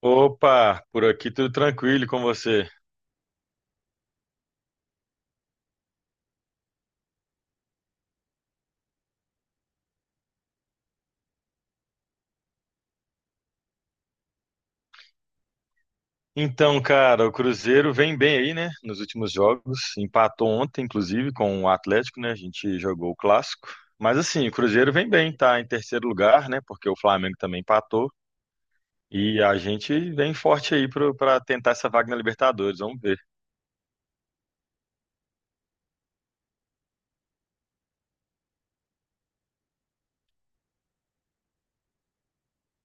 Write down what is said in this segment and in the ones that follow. Opa, por aqui tudo tranquilo e com você. Então, cara, o Cruzeiro vem bem aí, né? Nos últimos jogos, empatou ontem, inclusive, com o Atlético, né? A gente jogou o clássico. Mas assim, o Cruzeiro vem bem, tá em terceiro lugar, né? Porque o Flamengo também empatou. E a gente vem forte aí pra tentar essa vaga na Libertadores, vamos ver.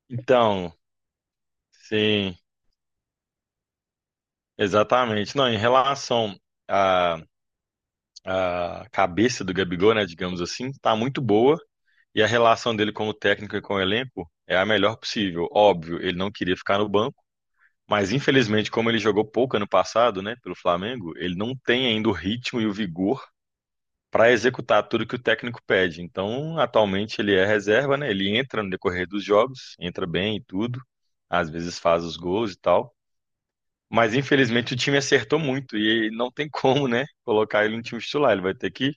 Então, sim, exatamente. Não, em relação à, à cabeça do Gabigol, né? Digamos assim, tá muito boa. E a relação dele como técnico e com o elenco é a melhor possível. Óbvio, ele não queria ficar no banco, mas infelizmente, como ele jogou pouco ano passado, né, pelo Flamengo, ele não tem ainda o ritmo e o vigor para executar tudo que o técnico pede. Então, atualmente ele é reserva, né? Ele entra no decorrer dos jogos, entra bem e tudo, às vezes faz os gols e tal. Mas infelizmente o time acertou muito e não tem como, né, colocar ele no time titular. Ele vai ter que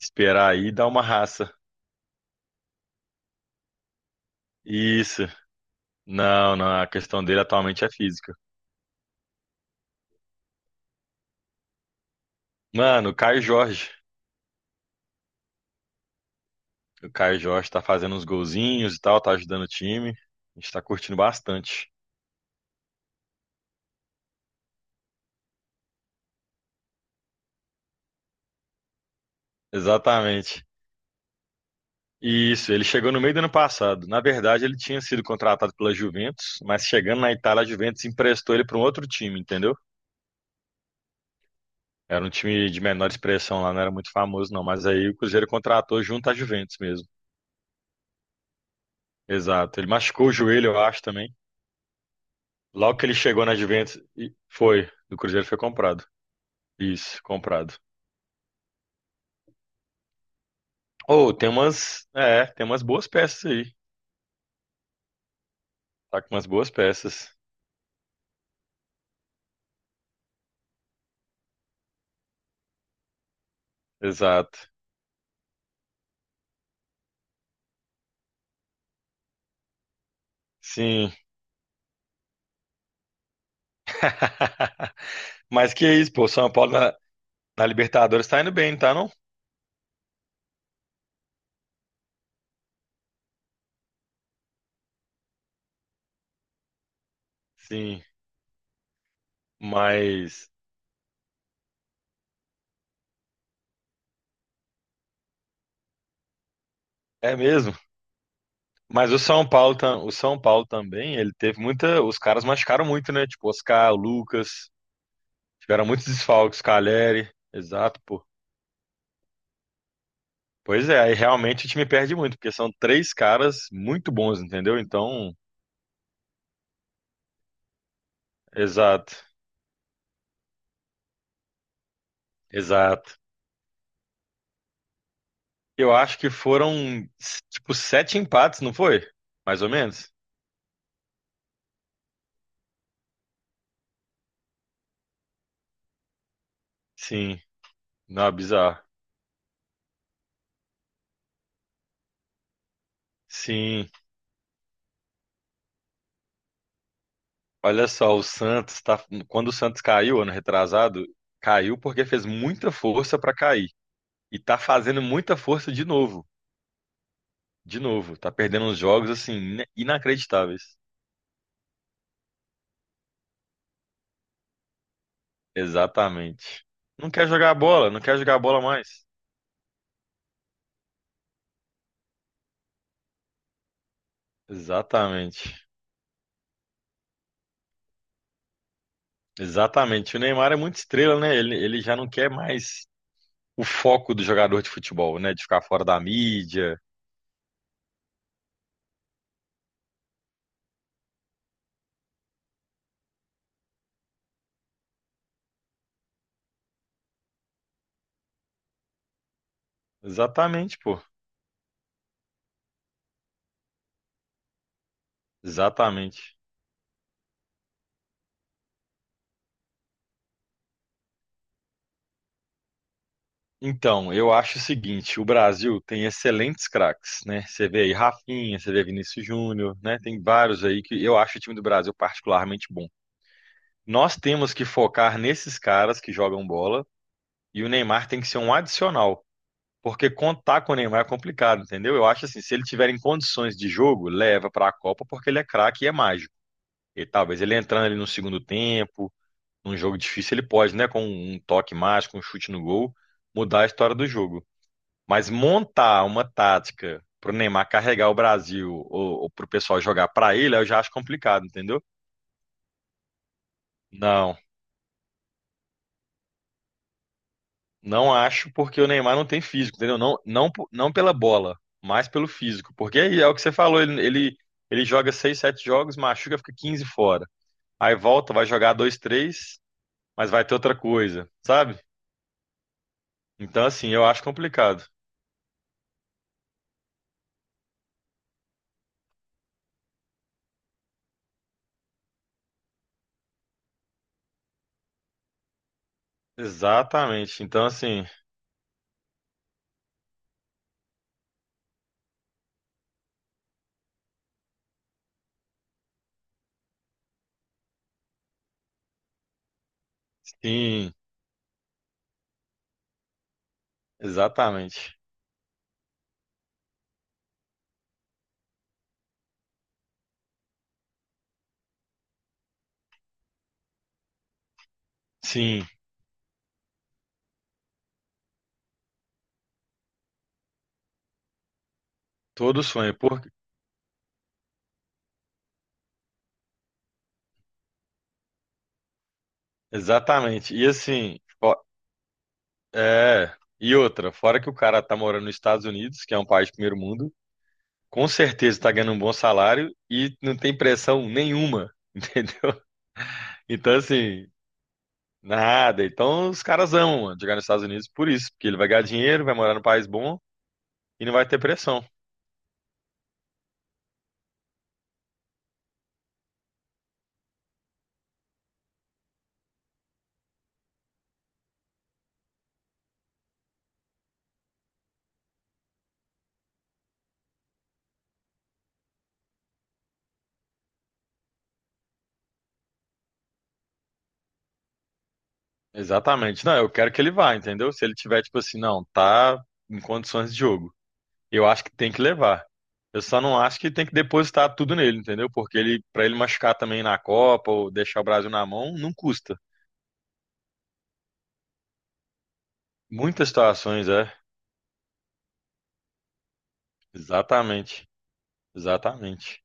esperar aí e dar uma raça. Isso. Não, não, a questão dele atualmente é física. Mano, o Caio Jorge. O Caio Jorge tá fazendo uns golzinhos e tal, tá ajudando o time. A gente tá curtindo bastante. Exatamente. E isso, ele chegou no meio do ano passado. Na verdade, ele tinha sido contratado pela Juventus, mas chegando na Itália, a Juventus emprestou ele para um outro time, entendeu? Era um time de menor expressão lá, não era muito famoso, não. Mas aí o Cruzeiro contratou junto à Juventus mesmo. Exato. Ele machucou o joelho, eu acho, também. Logo que ele chegou na Juventus, e foi. O Cruzeiro foi comprado. Isso, comprado. Ou tem umas, é, tem umas boas peças aí. Tá com umas boas peças. Exato. Sim. Mas que é isso, pô, São Paulo na, na Libertadores tá indo bem, tá não? Sim, mas é mesmo. Mas o São Paulo, o São Paulo também, ele teve muita, os caras machucaram muito, né? Tipo, Oscar, o Lucas, tiveram muitos desfalques, Caleri. Exato, pô. Pois é, aí realmente o time perde muito, porque são três caras muito bons, entendeu? Então, exato. Exato. Eu acho que foram, tipo, sete empates, não foi? Mais ou menos? Sim. Não, é bizarro. Sim. Olha só, o Santos tá. Quando o Santos caiu, ano retrasado, caiu porque fez muita força pra cair. E tá fazendo muita força de novo. De novo. Tá perdendo uns jogos, assim, inacreditáveis. Exatamente. Não quer jogar bola, não quer jogar bola mais. Exatamente. Exatamente. O Neymar é muito estrela, né? Ele já não quer mais. O foco do jogador de futebol, né? De ficar fora da mídia. Exatamente, pô. Exatamente. Então, eu acho o seguinte, o Brasil tem excelentes craques, né? Você vê aí Rafinha, você vê Vinícius Júnior, né? Tem vários aí que eu acho o time do Brasil particularmente bom. Nós temos que focar nesses caras que jogam bola e o Neymar tem que ser um adicional, porque contar com o Neymar é complicado, entendeu? Eu acho assim, se ele tiver em condições de jogo, leva para a Copa porque ele é craque e é mágico. E talvez ele entrando ali no segundo tempo, num jogo difícil, ele pode, né? Com um toque mágico, um chute no gol, mudar a história do jogo. Mas montar uma tática pro Neymar carregar o Brasil ou pro pessoal jogar pra ele, eu já acho complicado, entendeu? Não, não acho porque o Neymar não tem físico, entendeu? Não, não, não pela bola, mas pelo físico. Porque é, é o que você falou, ele joga seis, sete jogos, machuca, fica 15 fora. Aí volta, vai jogar dois, três, mas vai ter outra coisa, sabe? Então, assim, eu acho complicado. Exatamente. Então, assim, sim, exatamente. Sim, todo sonho, porque exatamente. E assim, ó, é, e outra, fora que o cara tá morando nos Estados Unidos, que é um país de primeiro mundo, com certeza tá ganhando um bom salário e não tem pressão nenhuma, entendeu? Então assim, nada. Então os caras amam, mano, jogar nos Estados Unidos por isso, porque ele vai ganhar dinheiro, vai morar num país bom e não vai ter pressão. Exatamente. Não, eu quero que ele vá, entendeu? Se ele tiver tipo assim, não, tá em condições de jogo. Eu acho que tem que levar. Eu só não acho que tem que depositar tudo nele, entendeu? Porque ele, para ele machucar também na Copa ou deixar o Brasil na mão, não custa. Muitas situações, é. Exatamente. Exatamente.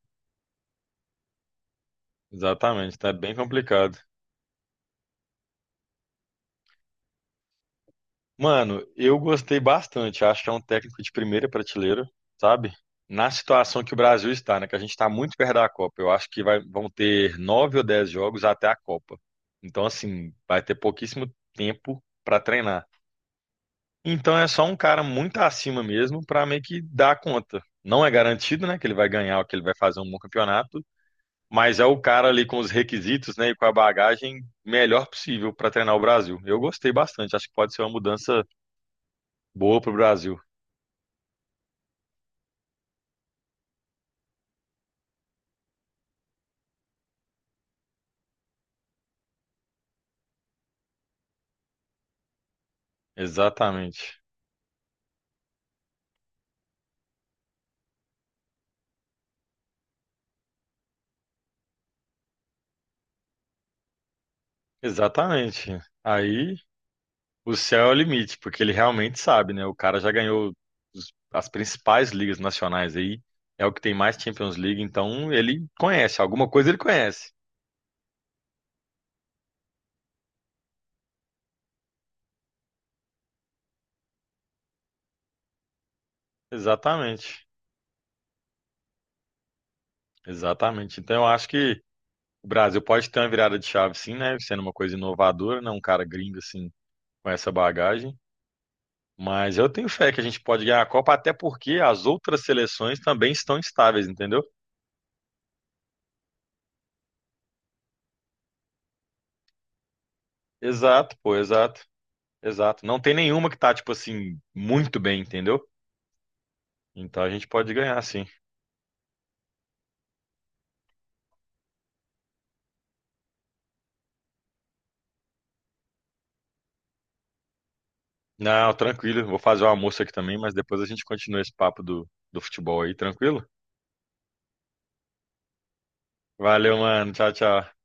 Exatamente. Tá bem complicado. Mano, eu gostei bastante. Acho que é um técnico de primeira prateleira, sabe? Na situação que o Brasil está, né? Que a gente está muito perto da Copa. Eu acho que vão ter 9 ou 10 jogos até a Copa. Então, assim, vai ter pouquíssimo tempo para treinar. Então é só um cara muito acima mesmo para meio que dar conta. Não é garantido, né, que ele vai ganhar ou que ele vai fazer um bom campeonato, mas é o cara ali com os requisitos, né, e com a bagagem melhor possível para treinar o Brasil. Eu gostei bastante, acho que pode ser uma mudança boa para o Brasil. Exatamente. Exatamente. Aí o céu é o limite, porque ele realmente sabe, né? O cara já ganhou as principais ligas nacionais aí, é o que tem mais Champions League, então ele conhece, alguma coisa ele conhece. Exatamente. Exatamente. Então eu acho que o Brasil pode ter uma virada de chave, sim, né? Sendo uma coisa inovadora, né? Um cara gringo assim com essa bagagem. Mas eu tenho fé que a gente pode ganhar a Copa, até porque as outras seleções também estão estáveis, entendeu? Exato, pô, exato, exato. Não tem nenhuma que tá, tipo assim, muito bem, entendeu? Então a gente pode ganhar, sim. Não, tranquilo. Vou fazer o almoço aqui também, mas depois a gente continua esse papo do futebol aí, tranquilo? Valeu, mano. Tchau, tchau.